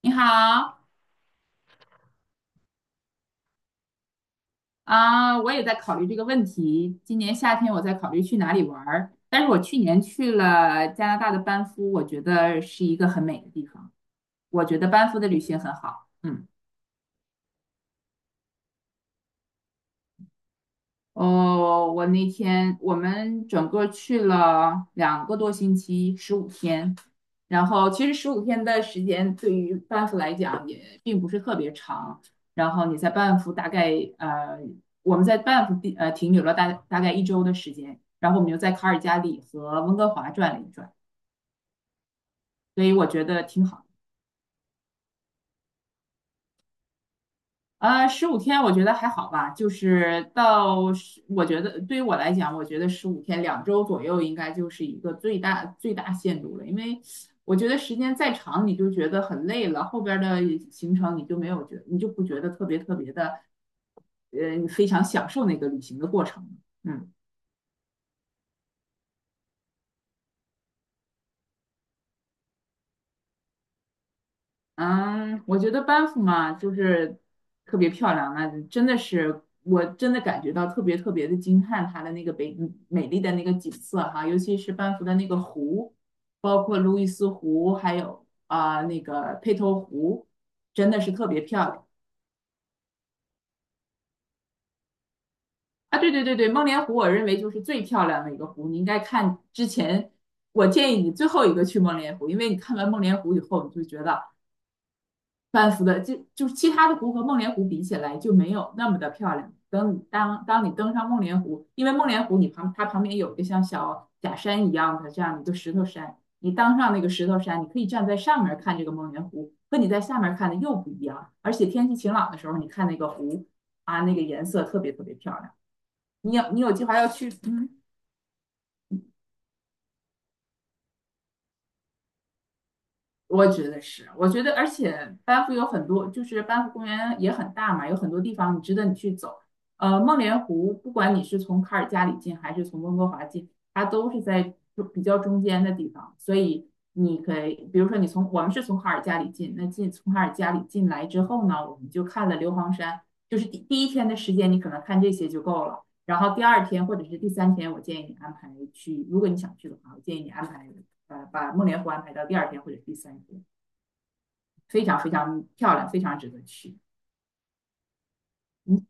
你好啊，我也在考虑这个问题。今年夏天我在考虑去哪里玩儿，但是我去年去了加拿大的班夫，我觉得是一个很美的地方。我觉得班夫的旅行很好。嗯。哦，我那天我们整个去了2个多星期，十五天。然后其实十五天的时间对于班夫来讲也并不是特别长。然后你在班夫大概呃，我们在班夫地停留了大概一周的时间，然后我们又在卡尔加里和温哥华转了一转，所以我觉得挺好。十五天我觉得还好吧，就是到十，我觉得对于我来讲，我觉得十五天2周左右应该就是一个最大最大限度了，因为我觉得时间再长你就觉得很累了，后边儿的行程你就没有觉，你就不觉得特别特别的，非常享受那个旅行的过程了嗯。嗯，我觉得班夫嘛，就是特别漂亮啊，真的是，我真的感觉到特别特别的惊叹它的那个美美丽的那个景色哈，尤其是班夫的那个湖，包括路易斯湖，还有啊、那个佩托湖，真的是特别漂亮啊！对对对对，梦莲湖我认为就是最漂亮的一个湖，你应该看之前，我建议你最后一个去梦莲湖，因为你看完梦莲湖以后，你就觉得。半幅的，就是其他的湖和梦莲湖比起来就没有那么的漂亮。等你当你登上梦莲湖，因为梦莲湖你它旁边有一个像小假山一样的这样一个石头山，你当上那个石头山，你可以站在上面看这个梦莲湖，和你在下面看的又不一样。而且天气晴朗的时候，你看那个湖啊，那个颜色特别特别漂亮。你有计划要去嗯。我觉得是，我觉得，而且班夫有很多，就是班夫公园也很大嘛，有很多地方你值得你去走。梦莲湖，不管你是从卡尔加里进还是从温哥华进，它都是在就比较中间的地方，所以你可以，比如说我们是从卡尔加里进，那从卡尔加里进来之后呢，我们就看了硫磺山，就是第一天的时间，你可能看这些就够了。然后第二天或者是第三天，我建议你安排去，如果你想去的话，我建议你安排。把梦莲湖安排到第二天或者第三天，非常非常漂亮，非常值得去。嗯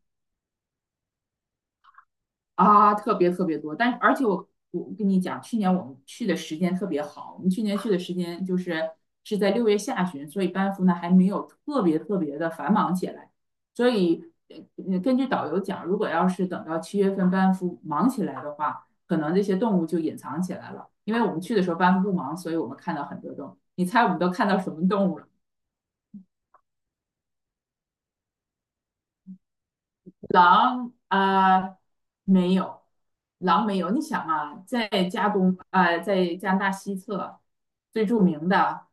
啊，特别特别多，但而且我跟你讲，去年我们去的时间特别好，我们去年去的时间就是在6月下旬，所以班夫呢还没有特别特别的繁忙起来，所以根据导游讲，如果要是等到7月份班夫忙起来的话，可能这些动物就隐藏起来了，因为我们去的时候班夫不忙，所以我们看到很多动物。你猜我们都看到什么动物了？狼啊、没有，狼没有。你想啊，在加东啊、在加拿大西侧最著名的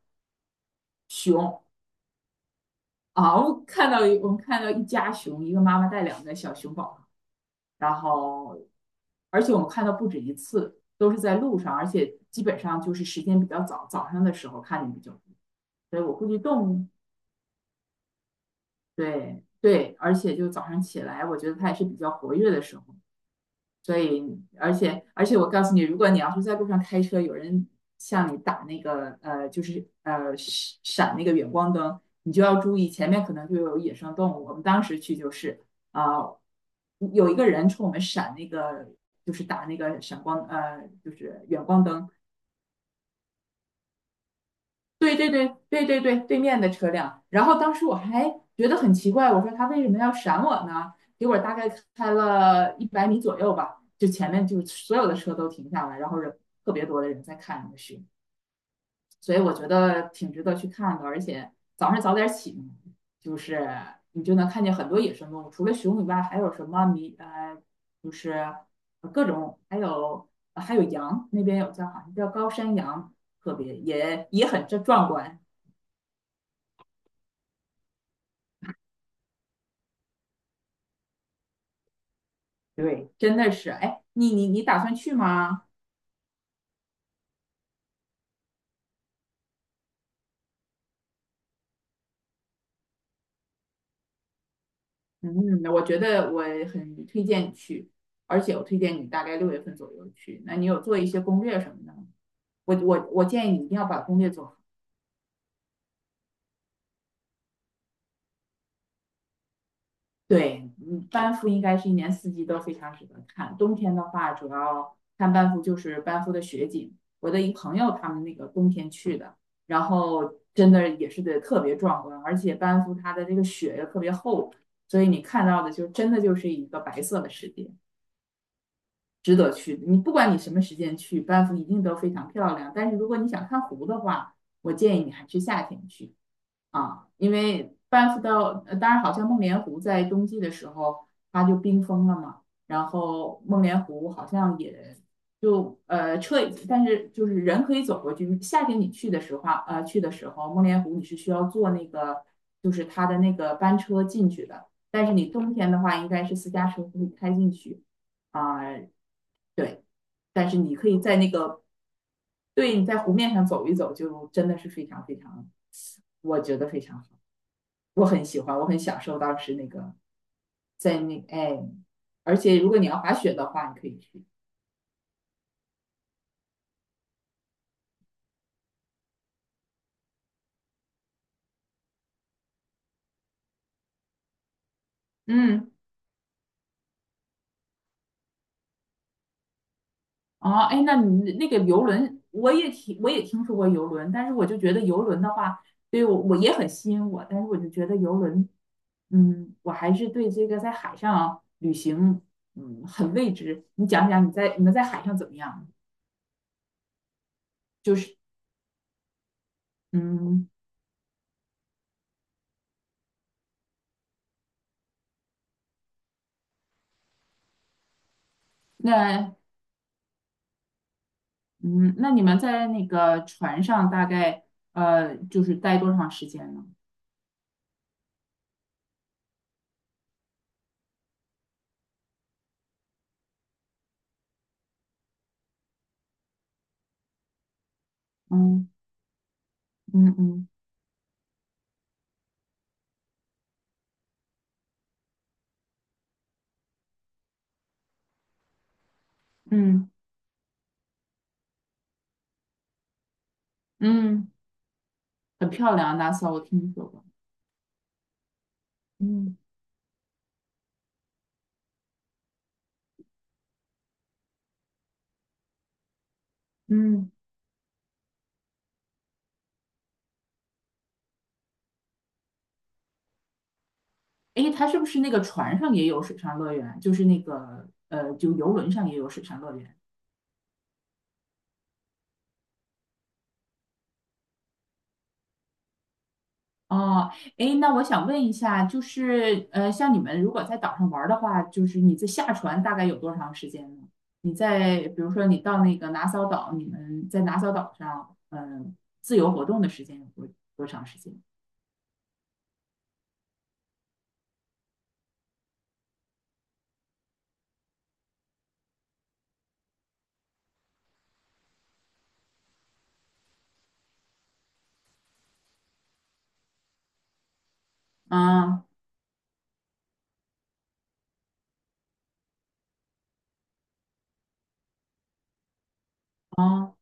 熊啊，我们看到一家熊，一个妈妈带两个小熊宝，然后而且我们看到不止一次，都是在路上，而且基本上就是时间比较早，早上的时候看见比较多。所以我估计动物，对对，而且就早上起来，我觉得它也是比较活跃的时候。所以，而且我告诉你，如果你要是在路上开车，有人向你打那个就是闪闪那个远光灯，你就要注意前面可能就有野生动物。我们当时去就是啊、有一个人冲我们闪那个，就是打那个闪光，就是远光灯，对对对对对对，对面的车辆。然后当时我还觉得很奇怪，我说他为什么要闪我呢？结果大概开了100米左右吧，就前面就所有的车都停下来，然后特别多的人在看那个雪，所以我觉得挺值得去看的。而且早上早点起嘛，就是你就能看见很多野生动物，除了熊以外，还有什么就是各种，还有羊，那边有好像叫高山羊，特别也很这壮观。对，真的是，哎，你打算去吗？嗯，我觉得我很推荐你去，而且我推荐你大概6月份左右去。那你有做一些攻略什么的吗？我建议你一定要把攻略做好。对，嗯，班夫应该是一年四季都非常值得看。冬天的话，主要看班夫就是班夫的雪景。我的一朋友他们那个冬天去的，然后真的也是得特别壮观，而且班夫它的这个雪又特别厚，所以你看到的就真的就是一个白色的世界，值得去。不管你什么时间去，班夫一定都非常漂亮。但是如果你想看湖的话，我建议你还是夏天去。啊，因为班夫到，当然好像梦莲湖在冬季的时候它就冰封了嘛，然后梦莲湖好像也就车，但是就是人可以走过去。夏天你去的时候啊，去的时候，梦莲湖你是需要坐那个就是它的那个班车进去的，但是你冬天的话应该是私家车会开进去啊，对，但是你可以在那个对你在湖面上走一走，就真的是非常非常，我觉得非常好。我很喜欢，我很享受当时那个在那哎，而且如果你要滑雪的话，你可以去。嗯，哦，哎，那你那个游轮，我也听说过游轮，但是我就觉得游轮的话，对我也很吸引我，但是我就觉得游轮，嗯，我还是对这个在海上旅行，嗯，很未知。你讲讲你们在海上怎么样？就是，嗯，那嗯，那你们在那个船上大概就是待多长时间呢？嗯。嗯嗯嗯嗯，很漂亮，拉萨我听说过。嗯，嗯，诶，它是不是那个船上也有水上乐园？就是那个就游轮上也有水上乐园。哦，诶，那我想问一下，就是像你们如果在岛上玩儿的话，就是你这下船大概有多长时间呢？比如说你到那个拿骚岛，你们在拿骚岛上，自由活动的时间有多长时间？啊、啊，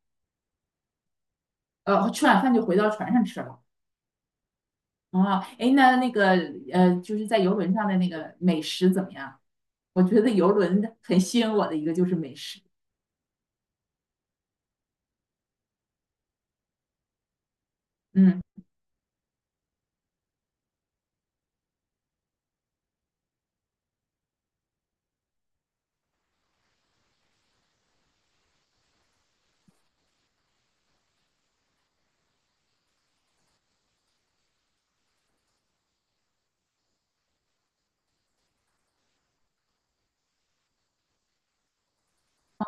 吃晚饭就回到船上吃了。哦，哎，那个就是在游轮上的那个美食怎么样？我觉得游轮很吸引我的一个就是美食。嗯，哦，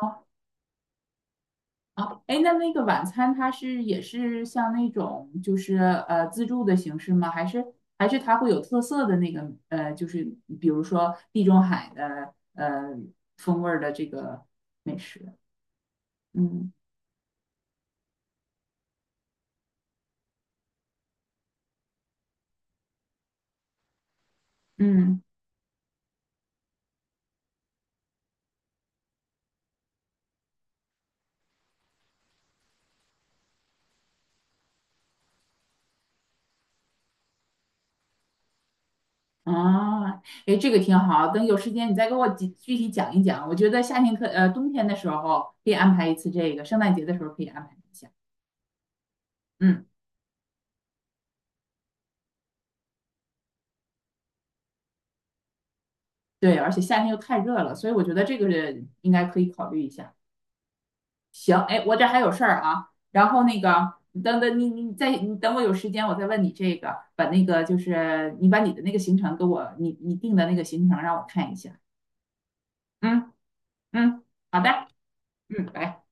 哦，哎，那个晚餐它是也是像那种就是自助的形式吗？还是它会有特色的那个就是比如说地中海的风味儿的这个美食？嗯嗯。啊，哎，这个挺好。等有时间你再给我具体讲一讲。我觉得夏天冬天的时候可以安排一次这个，圣诞节的时候可以安排一下。嗯，对，而且夏天又太热了，所以我觉得这个是应该可以考虑一下。行，哎，我这还有事儿啊。然后那个，等等你再你等我有时间，我再问你这个，把那个就是你把你的那个行程给我，你定的那个行程让我看一下。嗯嗯，好的，嗯，拜。